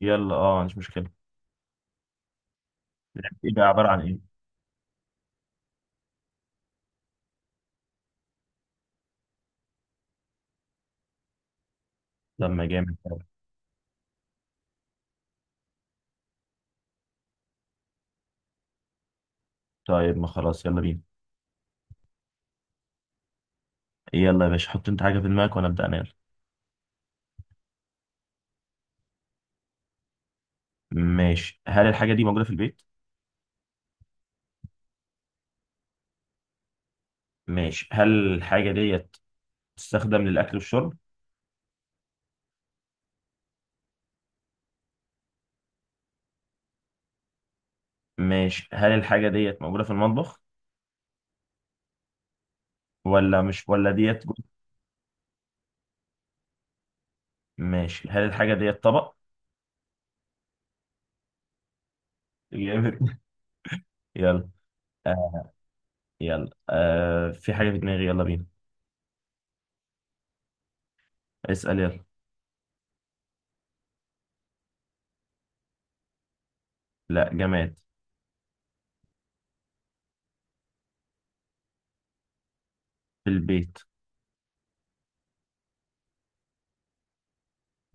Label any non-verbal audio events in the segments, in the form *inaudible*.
يلا اه، مش مشكلة. ايه بقى؟ عبارة عن ايه؟ لما جامد. طيب ما خلاص، يلا بينا. يلا يا باشا، حط انت حاجة في دماغك وانا ابدأ انال. ماشي، هل الحاجة دي موجودة في البيت؟ ماشي، هل الحاجة ديت تستخدم للأكل والشرب؟ ماشي، هل الحاجة ديت موجودة في المطبخ؟ ولا مش ولا ديت جو- ماشي، هل الحاجة ديت طبق؟ جامد. *laughs* يلا آه. يلا آه، في حاجة في دماغي، يلا بينا. اسأل يلا. لا، جماد. في البيت.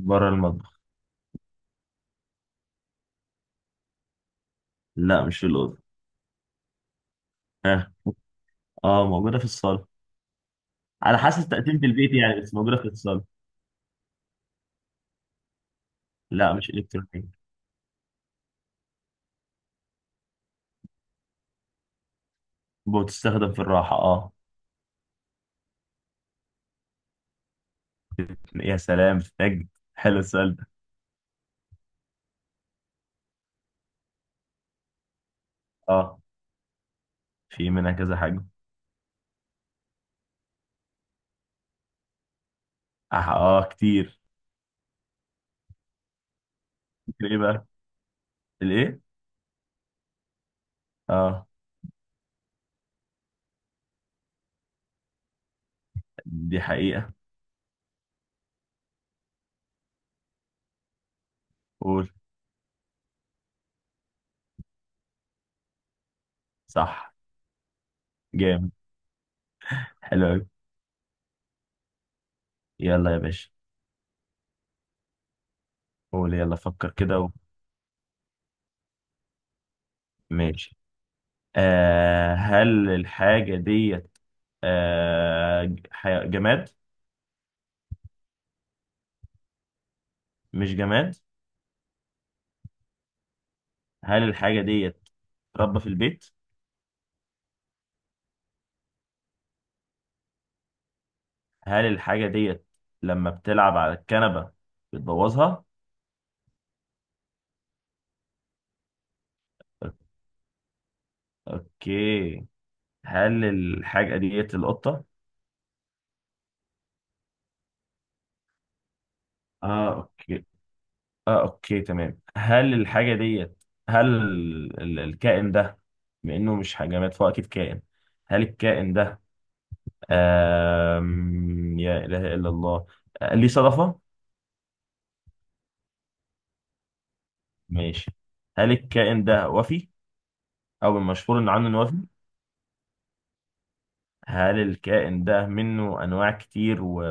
بره المطبخ. لا، مش في الأوضة. اه اه، موجودة في الصالة. على حسب تقديم البيت يعني، بس موجودة في الاتصال. لا، مش إلكترونية. بتستخدم في الراحة اه. يا سلام نجد. حلو السؤال ده. اه، في منها كذا حاجة. اه، آه كتير. كتير ايه بقى؟ الايه؟ اه، دي حقيقة. قول. صح. جامد. حلو أوي. يلا يا باشا. قول يلا، فكر كده ماشي. هل الحاجة ديت جماد؟ مش جماد. هل الحاجة ديت ربة في البيت؟ هل الحاجة ديت لما بتلعب على الكنبة بتبوظها؟ اوكي. هل الحاجة ديت القطة؟ اه اوكي. اه اوكي تمام. هل الحاجة ديت، هل الكائن ده، بما انه مش جماد فهو اكيد كائن. هل الكائن ده يا اله الا الله. آه، ليه صدفة؟ ماشي. هل الكائن ده وفي، او المشهور ان عنه انه وفي؟ هل الكائن ده منه انواع كتير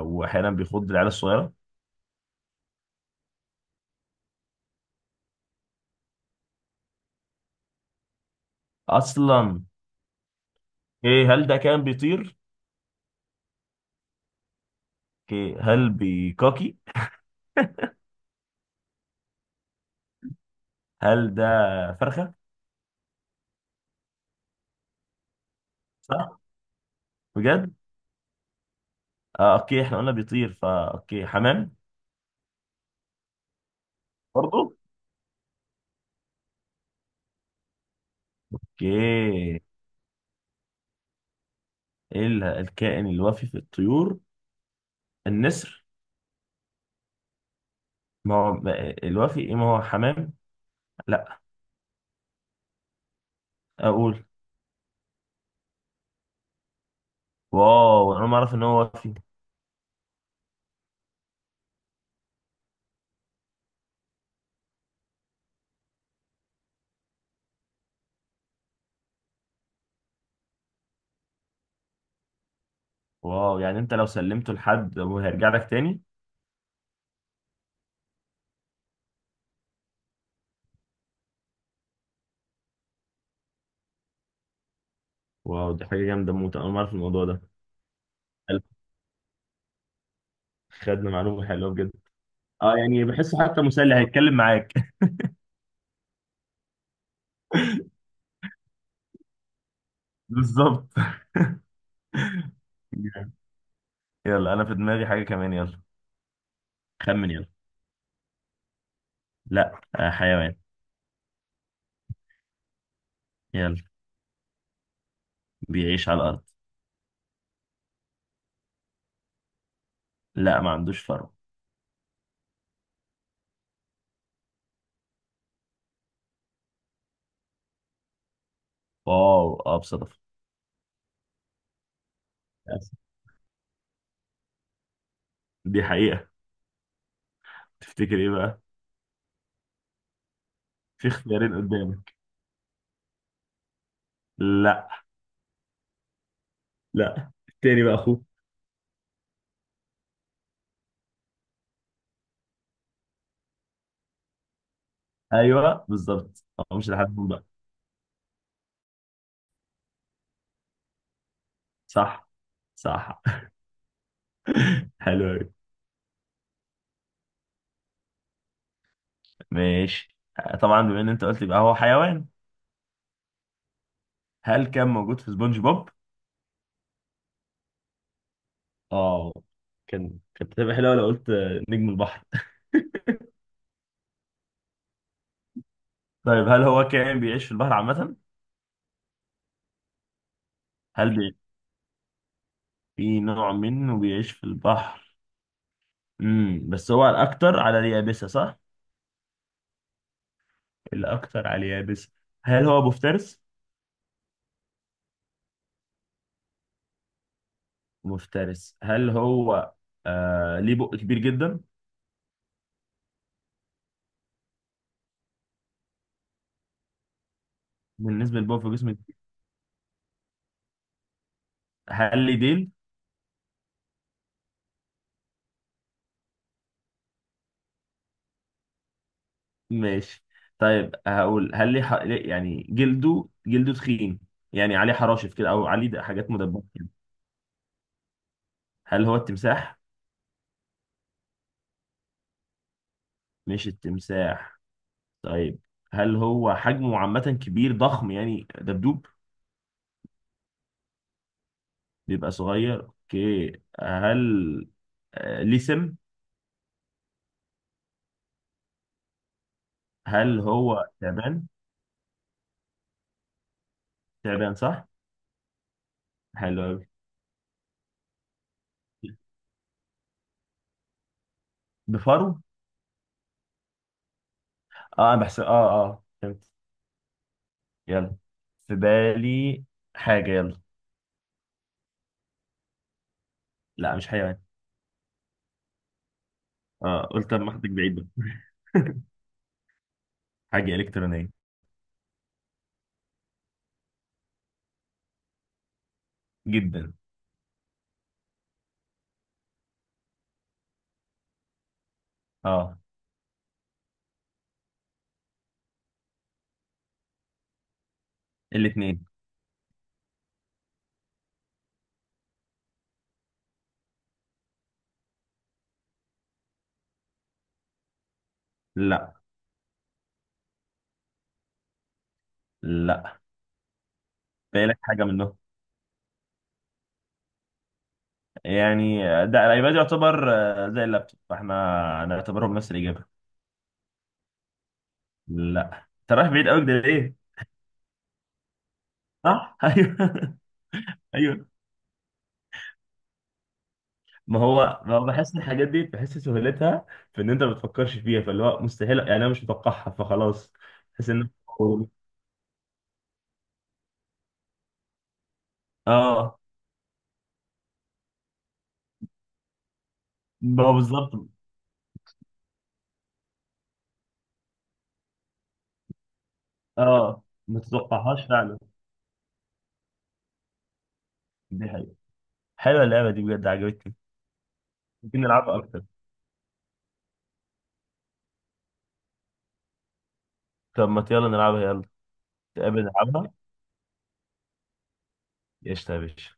واحيانا بيخض العيال الصغيره اصلا؟ ايه، هل ده كائن بيطير؟ اوكي، هل بيكاكي؟ هل ده فرخه؟ صح. بجد. آه اوكي، احنا قلنا بيطير، فا اوكي حمام. برضو. اوكي ايه؟ الكائن الوفي في الطيور، النسر. ما هو، الوفي ايه؟ ما هو حمام. لا. اقول. واو، انا ما اعرف ان هو وفي. واو، يعني انت لو سلمته لحد وهيرجع لك تاني. واو، دي حاجة جامدة موت. أنا ما أعرف الموضوع ده. حلو. خدنا معلومة حلوة بجد. أه يعني بحسه حتى مسلي، هيتكلم معاك. *laughs* بالظبط. جامد. يلا أنا في دماغي حاجة كمان، يلا. خمن يلا. لا آه، حيوان. يلا. بيعيش على الأرض. لا، ما عندوش فرو. واو، أه بصدفة. للأسف. دي حقيقة. تفتكر إيه بقى؟ في اختيارين قدامك. لا. لا، التاني بقى أخوه. أيوه بالظبط، أه مش لحد بقى. صح. صح. *laughs* حلو أوي. ماشي آه، طبعا بما ان انت قلت يبقى هو حيوان. هل كان موجود في سبونج بوب؟ اه، كان كانت هتبقى حلوه لو قلت نجم البحر. طيب، هل هو كائن بيعيش في البحر عامة؟ هل بي... في نوع منه بيعيش في البحر؟ امم، بس هو الأكتر على اليابسة صح؟ الأكتر على اليابس. هل هو مفترس؟ مفترس. هل هو ليه بق كبير جدا؟ بالنسبة للبق في جسمه؟ هل ليه ديل؟ ماشي. طيب هقول، هل ليه يعني جلده، تخين؟ يعني عليه حراشف كده أو عليه حاجات مدببة؟ هل هو التمساح؟ مش التمساح. طيب، هل هو حجمه عامة كبير ضخم، يعني دبدوب؟ بيبقى صغير اوكي. هل آه، ليه سم؟ هل هو تعبان؟ تعبان صح؟ حلو أوي. بفرو؟ اه انا بحسب، اه فهمت. يلا، في بالي حاجة، يلا. لا، مش حيوان. اه قلت اما اخدك بعيد بقى. *laughs* حاجة إلكترونية. جدا. اه، الاتنين. لا. لا، بالك حاجة منهم. يعني ده الايباد يعتبر آه، زي اللابتوب، فاحنا نعتبرهم نفس الاجابه. لا. انت رايح بعيد قوي كده ليه؟ صح. *laughs* ايوه. ايوه، ما هو بحس الحاجات دي بحس سهولتها في ان انت ما بتفكرش فيها، فاللي هو مستحيل يعني انا مش متوقعها، فخلاص. بحس ان اه، ما هو بالظبط. اه، ما تتوقعهاش فعلا. دي حقيقة. حلوه اللعبه دي بجد، عجبتني. ممكن نلعبها اكتر. طب ما يلا نلعبها، يلا. تقابل نلعبها. قشطه يا باشا.